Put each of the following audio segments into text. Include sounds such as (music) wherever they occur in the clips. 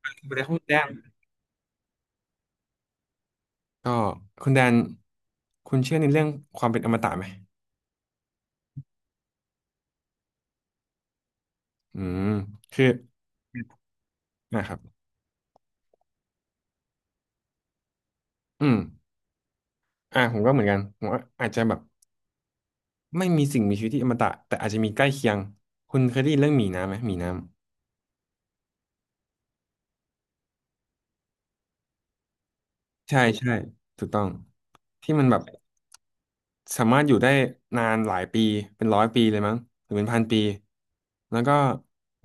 ไปแล้ครับคุณแดนก็คุณแดนคุณเชื่อในเรื่องความเป็นอมตะไหมอืมคือนะครับอืมผมก็เหมือนกันผมว่าอาจจะแบบไม่มีสิ่งมีชีวิตที่อมตะแต่อาจจะมีใกล้เคียงคุณเคยได้ยินเรื่องหมีน้ำไหมหมีน้ำ ใช่ใช่ถูกต้องที่มันแบบสามารถอยู่ได้นานหลายปีเป็นร้อยปีเลยมั้งหรือเป็นพันปีแล้วก็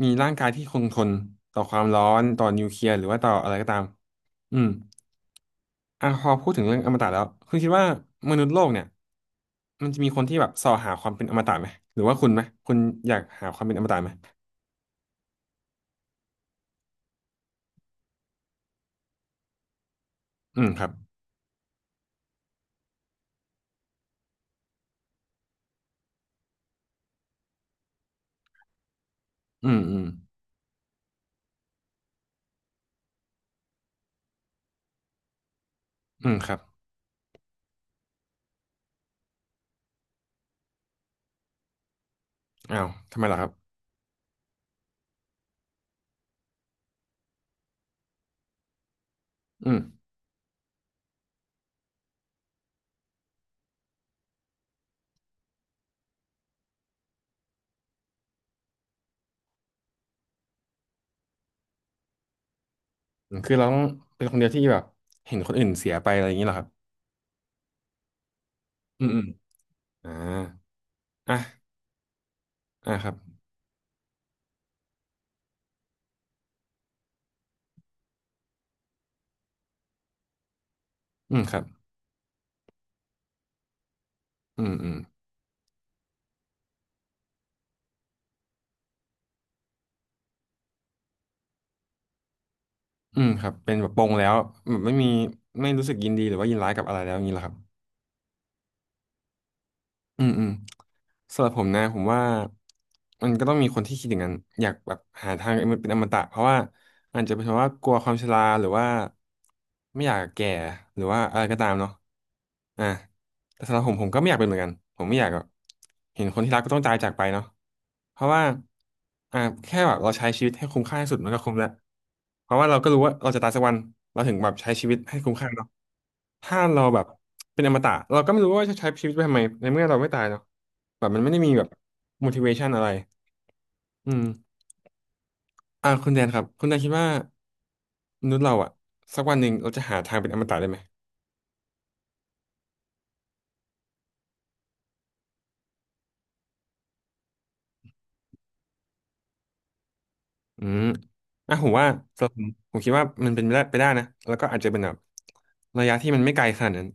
มีร่างกายที่คงทนต่อความร้อนต่อนิวเคลียร์หรือว่าต่ออะไรก็ตามอืมอ่ะพอพูดถึงเรื่องอมตะแล้วคุณคิดว่ามนุษย์โลกเนี่ยมันจะมีคนที่แบบส่อหาความเป็นอมตะไหมหรือว่าคุณไหมคุณอยากหาความเป็นอมตะไหมอืมครับอืมอืมอืมครับอ้าวทำไมล่ะครับอืม อืมคือเราต้องเป็นคนเดียวที่แบบเห็นคนอื่นเสียไปอะไรอย่างนี้เหรอครับอืมอืมอ่าอ่ะอ่ะครับอืมครับอืมอืม อืมครับเป็นแบบปลงแล้วแบบไม่มีไม่รู้สึกยินดีหรือว่ายินร้ายกับอะไรแล้วอย่างนี้เหรอครับอืมอืม สำหรับผมนะผมว่ามันก็ต้องมีคนที่คิดอย่างนั้นอยากแบบหาทางเป็นอมตะเพราะว่าอาจจะเป็นเพราะว่ากลัวความชราหรือว่าไม่อยากแก่หรือว่าอะไรก็ตามเนาะอ่ะแต่สำหรับผมผมก็ไม่อยากเป็นเหมือนกันผมไม่อยากแบบเห็นคนที่รักก็ต้องตายจากไปเนาะเพราะว่าอ่าแค่แบบเราใช้ชีวิตให้คุ้มค่าที่สุดมันก็คุ้มแล้วเพราะว่าเราก็รู้ว่าเราจะตายสักวันเราถึงแบบใช้ชีวิตให้คุ้มค่าเนาะ ถ้าเราแบบเป็นอมตะเราก็ไม่รู้ว่าจะใช้ชีวิตไปทำไมในเมื่อเราไม่ตายเนาะแบบมันไม่ได้มีแบบ motivation อะไรอืมคุณแดนครับคุณแดนคิดว่ามนุษย์เราอะสักวันหนึ่งเราจะหาทางเป็นอมตะได้ไหมอืมอ่ะผมว่าสำหรับผมผมคิดว่ามันเป็นไปได้ไปได้นะแล้วก็อาจจะเป็นแบบระยะที่มันไม่ไกลขนาดนั้น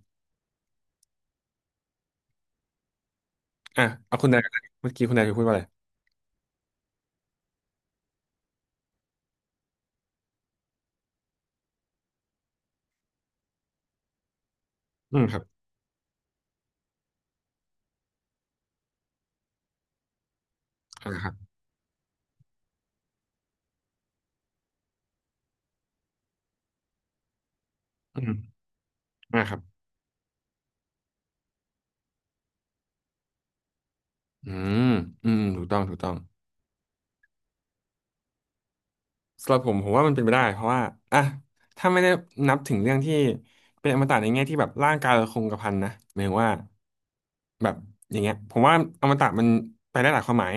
อ่ะเอาคุณแดนก่อนเมื่อกี้คุณแดนเคยพูดว่าอะไรอืมครับครับอืมครับอืมอืมถูกต้องถูกต้อง สำหรับผมผมว่ามันเป็นไปได้เพราะว่าอ่ะถ้าไม่ได้นับถึงเรื่องที่เป็นอมตะในแง่ที่แบบร่างกายเราคงกระพันนะหมายถึงว่าแบบอย่างเงี้ยผมว่าอมตะมันไปได้หลายความหมาย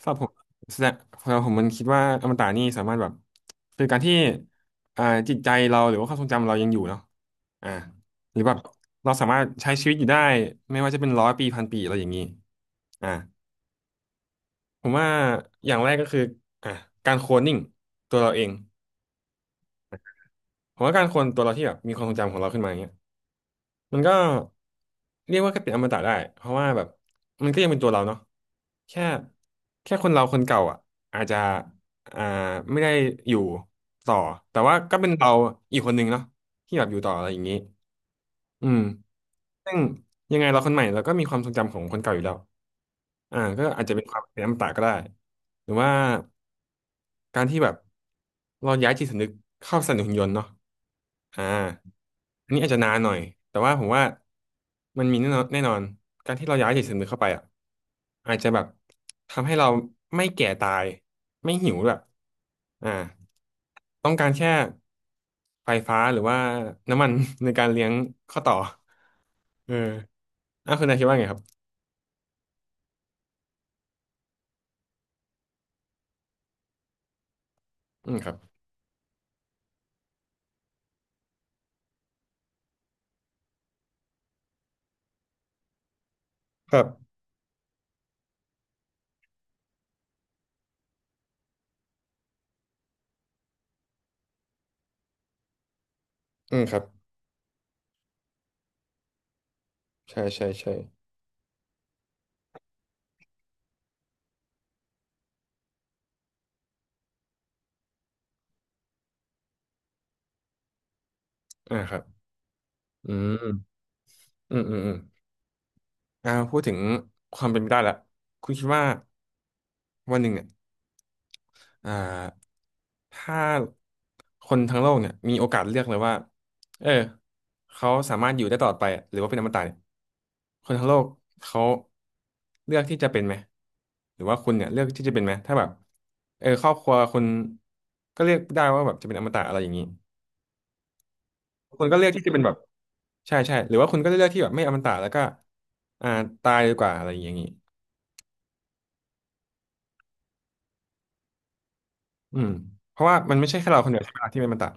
สำหรับผมแสดงสำหรับผมมันคิดว่าอมตะนี่สามารถแบบคือการที่อ่าจิตใจเราหรือว่าความทรงจำเรายังอยู่เนาะอ่าหรือแบบเราสามารถใช้ชีวิตอยู่ได้ไม่ว่าจะเป็นร้อยปีพันปีอะไรอย่างนี้อ่าผมว่าอย่างแรกก็คืออ่ะการโคลนนิ่งตัวเราเอง ผมว่าการคนตัวเราที่แบบมีความทรงจำของเราขึ้นมาอย่างเงี้ยมันก็เรียกว่าก็เป็นอมตะได้เพราะว่าแบบมันก็ยังเป็นตัวเราเนาะแค่แค่คนเราคนเก่าอ่ะอาจจะอ่าไม่ได้อยู่ต่อแต่ว่าก็เป็นเราอีกคนหนึงเนาะที่แบบอยู่ต่ออะไรอย่างนี้อืมซึ่งยังไงเราคนใหม่เราก็มีความทรงจำของคนเก่าอยู่แล้วก็อาจจะเป็นความเป็นอมตะก็ได้หรือว่า การที่แบบเราย้ายจิตสำนึกเข้าสนับสนุนหุ่นยนต์เนาะอ่าอันนี้อาจจะนานหน่อยแต่ว่าผมว่ามันมีแน่นอนแน่นอน การที่เราย้ายจิตสำนึกเข้าไปอ่ะอาจจะแบบทำให้เราไม่แก่ตายไม่หิวด้วยอ่าต้องการแค่ไฟฟ้าหรือว่าน้ำมัน (laughs) ในการเลี้ยงข้อต่อเอออ่ะคุณนายคิดว่าไงครับอืมครับครับอืมครับใช่ใช่ใช่ครับอืมอืมอืมอืม พูดถึงความเป็นไปได้ละคุณคิดว่าวันหนึ่งเนี่ยอ่าถ้าคนทั้งโลกเนี่ยมีโอกาสเลือกเลยว่าเออเขาสามารถอยู่ได้ตลอดไปอะหรือว่าเป็นอมตะเนี่ยคนทั้งโลกเขาเลือกที่จะเป็นไหมหรือว่าคุณเนี่ยเลือกที่จะเป็นไหมถ้าแบบเออครอบครัวคุณก็เลือกได้ว่าแบบจะเป็นอมตะอะไรอย่างนี้คุณก็เลือกที่จะเป็นแบบใช่ใช่หรือว่าคุณก็เลือกที่แบบไม่อมตะแล้วก็อ่าตายดีกว่าอะไรอย่างนี้ อืมเพราะว่ามันไม่ใช่แค่เราคนเดียวใช่ไหมล่ะที่เป็นมันตะ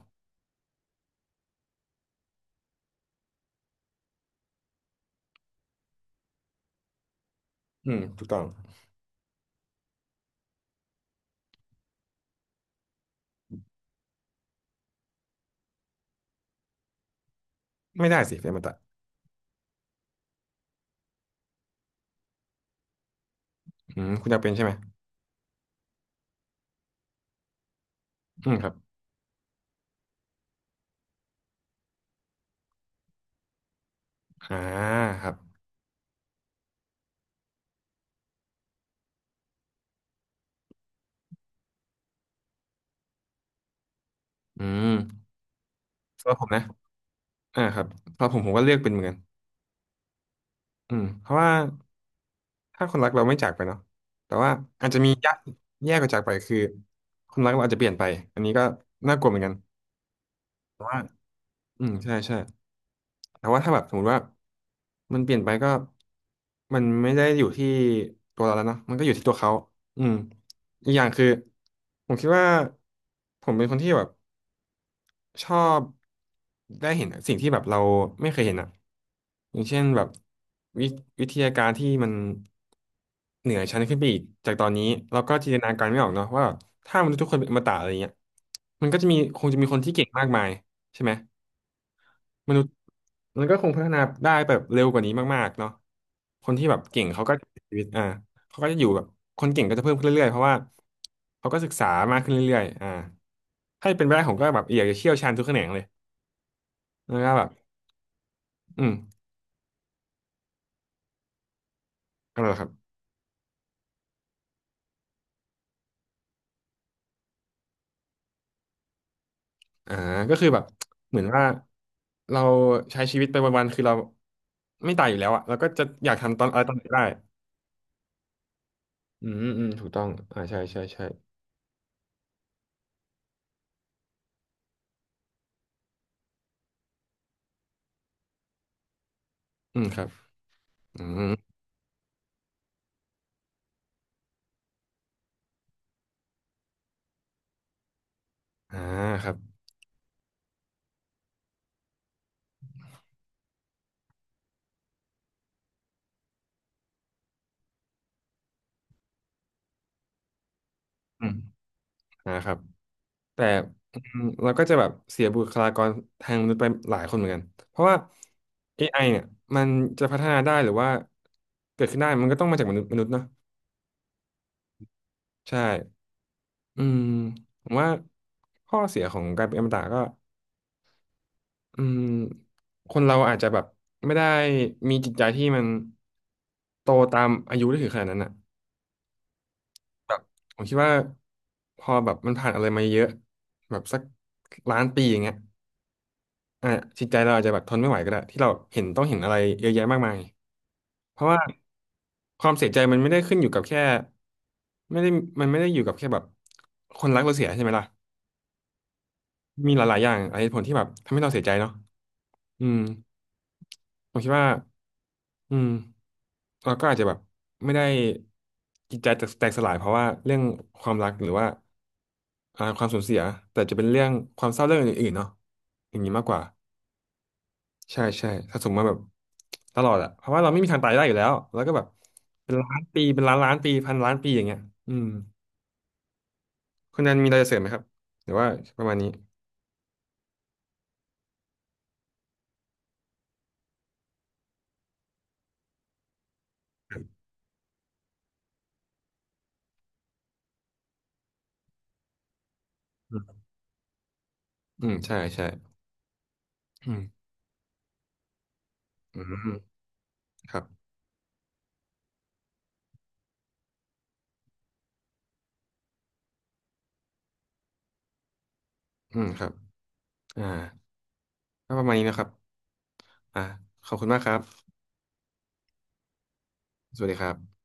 อืมถูกต้องไม่ได้สิเป็นมันตะอืมคุณอยากเป็นใช่ไหมอืมครับอ่าครับอืมสำหรับผมนะอ่าครับสำหรับผมก็เลือกเป็นเหมือนกันอืมเพราะว่าถ้าคนรักเราไม่จากไปเนาะแต่ว่าอาจจะมียะแย่กว่าจากไปคือคนรักเราอาจจะเปลี่ยนไปอันนี้ก็น่ากลัวเหมือนกันแต่ว่าอืมใช่ใช่ แต่ว่าถ้าแบบสมมติว่ามันเปลี่ยนไปก็มันไม่ได้อยู่ที่ตัวเราแล้วเนาะมันก็อยู่ที่ตัวเขาอืมอีกอย่างคือผมคิดว่าผมเป็นคนที่แบบชอบได้เห็นสิ่งที่แบบเราไม่เคยเห็นอ่ะอย่างเช่นแบบวิวิทยาการที่มันเหนือชั้นขึ้นไปอีกจากตอนนี้เราก็จินตนาการไม่ออกเนาะว่าแบบถ้ามนุษย์ทุกคนเป็นอมตะอะไรเงี้ยมันก็จะมีคงจะมีคนที่เก่งมากมายใช่ไหม มนุษย์มันก็คงพัฒนาได้แบบเร็วกว่านี้มากๆเนาะคนที่แบบเก่งเขาก็ชีวิตอ่าเขาก็จะอยู่แบบคนเก่งก็จะเพิ่มขึ้นเรื่อยๆเพราะว่าเขาก็ศึกษามากขึ้นเรื่อยๆอ่าถ้าเป็นไปได้ผมก็แบบอยากจะเชี่ยวชาญทุกแขนงเลยแล้วก็แบบอืมอะไรเหรอครับอ่าก็คือแบบเหมือนว่าเราใช้ชีวิตไปวันๆคือเราไม่ตายอยู่แล้วอะเราก็จะอยากทำตอนอะไรตอนไหนก็ได้อืมอืมถูกต้องอ่าใช่ใช่ใช่อืมครับอืมอ่าครับอืมอ่าครับ แต่อืมเราก็จะแบบเสียบุคลากรทางมนุษย์ไปหลายคนเหมือนกัน เพราะว่าเอไอเนี่ยมันจะพัฒนาได้หรือว่าเกิดขึ้นได้มันก็ต้องมาจากมนุษย์เนาะใช่อืมผมว่าข้อเสียของการเป็นอมตะก็อืมคนเราอาจจะแบบไม่ได้มีจิตใจที่มันโตตามอายุได้ถึงขนาดนั้นอ่ะแบบผมคิดว่าพอแบบมันผ่านอะไรมาเยอะแบบสักล้านปีอย่างเงี้ย อ่ะจิตใจเราอาจจะแบบทนไม่ไหวก็ได้ที่เราเห็นต้องเห็นอะไรเยอะแยะมากมายเพราะว่าความเสียใจมันไม่ได้ขึ้นอยู่กับแค่ไม่ได้มันไม่ได้อยู่กับแค่แบบคนรักเราเสียใช่ไหมล่ะมีหลายๆอย่างหลายเหตุผลที่แบบทำให้เราเสียใจเนาะอืมผมคิดว่าอืมเราก็อาจจะแบบไม่ได้จิตใจแตกสลายเพราะว่าเรื่องความรักหรือว่าอ่าความสูญเสียแต่จะเป็นเรื่องความเศร้าเรื่องอื่นๆเนาะอย่างนี้มากกว่า ใช่ใช่ถ้าสมมติว่าแบบตลอดอะเพราะว่าเราไม่มีทางตายได้อยู่แล้วแล้วก็แบบเป็นล้านปีเป็นล้านล้านปีพันล้านปีอย่างเงี้ยอืมคุณนันมีอะไรจะเสริมไหมครับหรือว่าประมาณนี้อืมอืมใช่ใช่อืมอืมครับอืมครับอ่าก็ประมาณนี้นะครับอ่าขอบคุณมากครับสวัสดีครับ